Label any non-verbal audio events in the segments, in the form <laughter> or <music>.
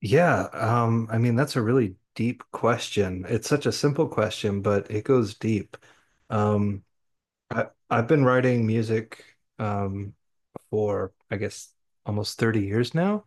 Yeah, I mean that's a really deep question. It's such a simple question, but it goes deep. Um, I've been writing music um, for I guess almost 30 years now.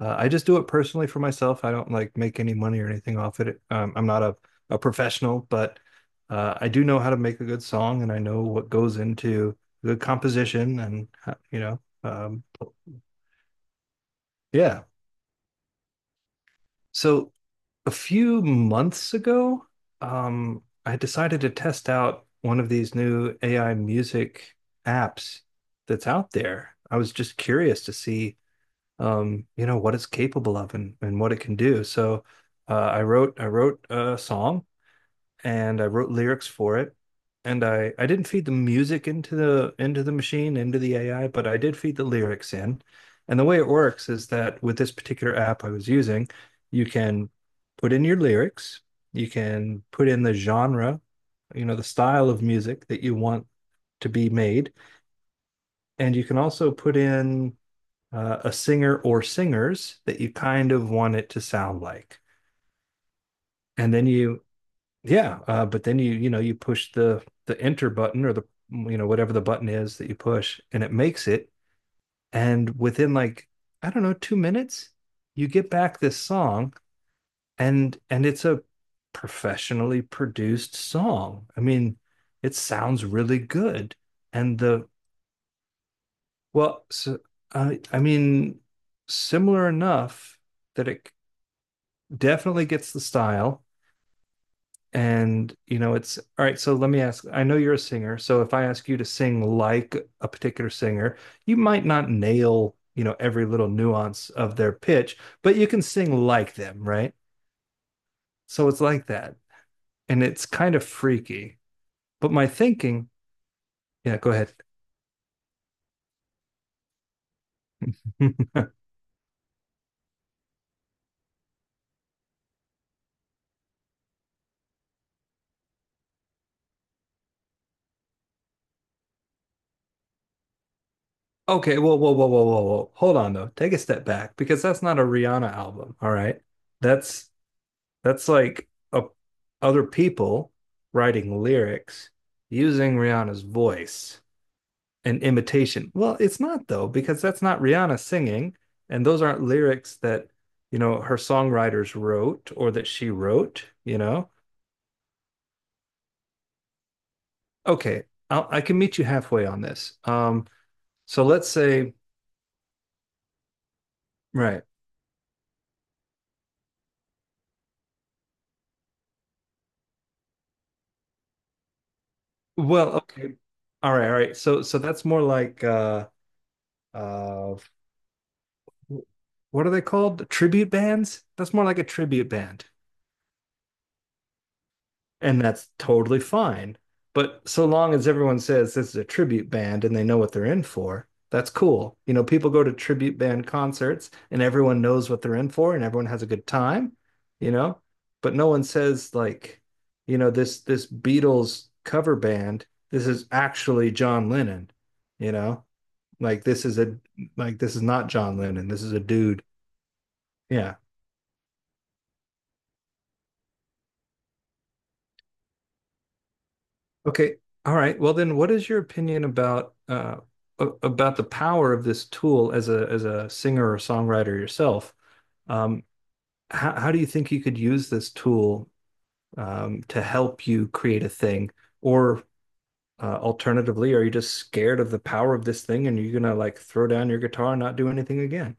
I just do it personally for myself. I don't like make any money or anything off it. I'm not a professional, but I do know how to make a good song, and I know what goes into good composition and yeah. So a few months ago, I decided to test out one of these new AI music apps that's out there. I was just curious to see, what it's capable of and what it can do. So I wrote a song and I wrote lyrics for it. And I didn't feed the music into the machine, into the AI, but I did feed the lyrics in. And the way it works is that with this particular app I was using, you can put in your lyrics, you can put in the genre, you know, the style of music that you want to be made, and you can also put in a singer or singers that you kind of want it to sound like. And then you Yeah, but then you know you push the enter button or the you know whatever the button is that you push, and it makes it. And within like I don't know 2 minutes, you get back this song, and it's a professionally produced song. I mean, it sounds really good, and the well, so, I mean, similar enough that it definitely gets the style. And, you know, it's all right. So let me ask, I know you're a singer. So if I ask you to sing like a particular singer, you might not nail, you know, every little nuance of their pitch, but you can sing like them, right? So it's like that. And it's kind of freaky. But my thinking, yeah, go ahead. <laughs> Okay, whoa, whoa, whoa, whoa, whoa, whoa. Hold on though. Take a step back because that's not a Rihanna album, all right? That's That's like other people writing lyrics using Rihanna's voice and imitation. Well, it's not though, because that's not Rihanna singing, and those aren't lyrics that, you know, her songwriters wrote or that she wrote, you know. Okay, I can meet you halfway on this. So let's say, right. Well, okay. All right, all right. So that's more like uh what are they called? Tribute bands? That's more like a tribute band. And that's totally fine. But so long as everyone says this is a tribute band and they know what they're in for, that's cool. You know, people go to tribute band concerts and everyone knows what they're in for and everyone has a good time, you know? But no one says like, you know, this Beatles cover band, this is actually John Lennon, you know? Like this is a like this is not John Lennon. This is a dude. Yeah. Okay. All right. Well, then, what is your opinion about about the power of this tool as a singer or songwriter yourself? Um, how do you think you could use this tool to help you create a thing? Or alternatively, are you just scared of the power of this thing and you're gonna like throw down your guitar and not do anything again?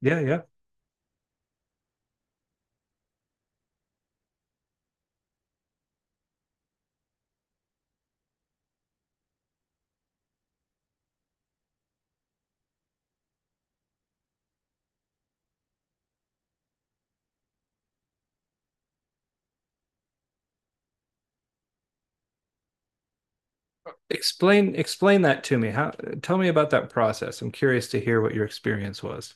Yeah, yeah. Explain that to me. How tell me about that process. I'm curious to hear what your experience was.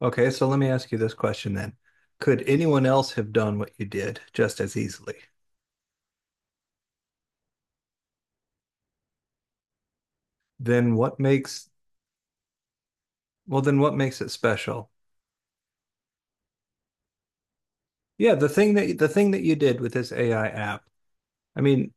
Okay, so let me ask you this question then. Could anyone else have done what you did just as easily? Then what makes well then what makes it special? Yeah, the thing that you did with this AI app. I mean,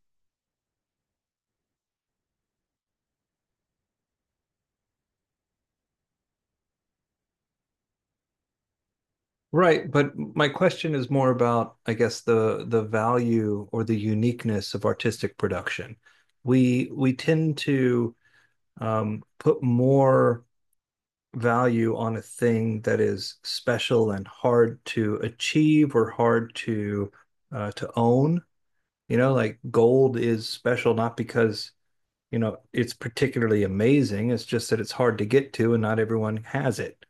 right, but my question is more about, I guess, the value or the uniqueness of artistic production. We tend to put more value on a thing that is special and hard to achieve or hard to own. You know, like gold is special not because you know it's particularly amazing. It's just that it's hard to get to, and not everyone has it.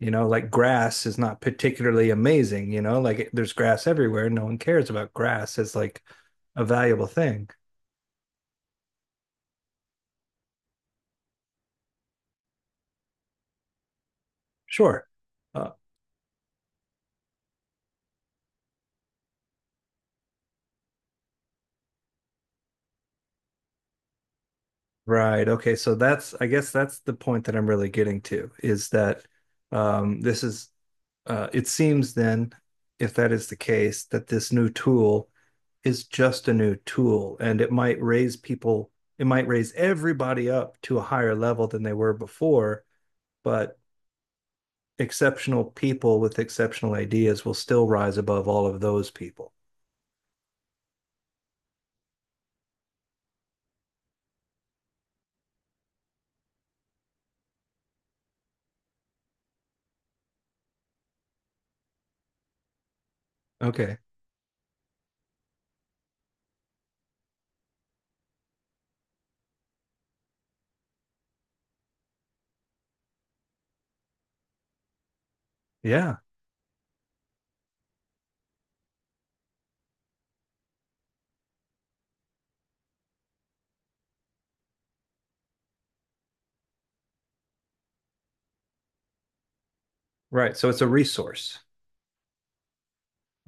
You know, like grass is not particularly amazing. You know, like there's grass everywhere. No one cares about grass as like a valuable thing. Sure. Uh, right. Okay. So that's, I guess that's the point that I'm really getting to is that um, this is, it seems then, if that is the case, that this new tool is just a new tool and it might raise people, it might raise everybody up to a higher level than they were before, but exceptional people with exceptional ideas will still rise above all of those people. Okay. Yeah. Right. So it's a resource.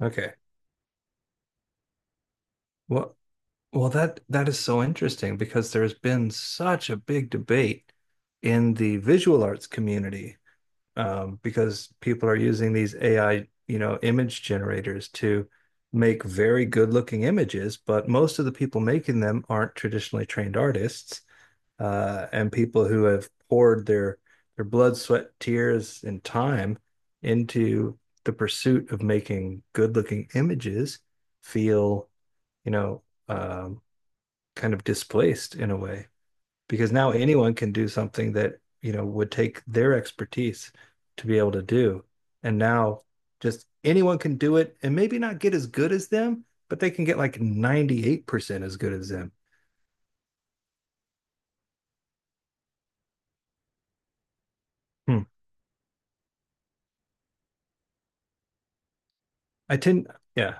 Okay. Well, well, that is so interesting because there's been such a big debate in the visual arts community because people are using these AI, you know, image generators to make very good-looking images, but most of the people making them aren't traditionally trained artists and people who have poured their blood, sweat, tears, and time into the pursuit of making good-looking images feel, you know. Um, kind of displaced in a way because now anyone can do something that you know would take their expertise to be able to do and now just anyone can do it and maybe not get as good as them but they can get like 98% as good as them hmm. I tend yeah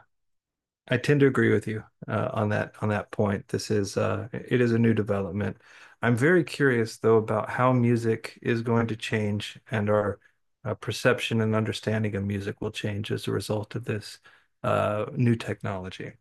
I tend to agree with you on that point. This is it is a new development. I'm very curious though about how music is going to change and our perception and understanding of music will change as a result of this new technology.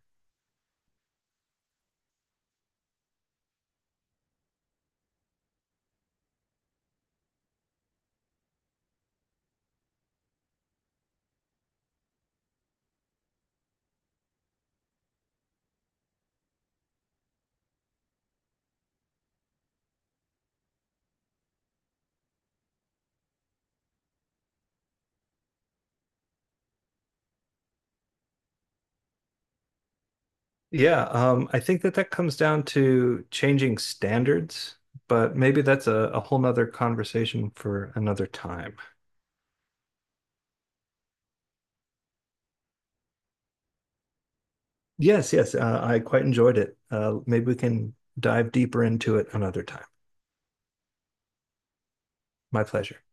Yeah, I think that that comes down to changing standards, but maybe that's a whole nother conversation for another time. Yes, yes, I quite enjoyed it. Maybe we can dive deeper into it another time. My pleasure.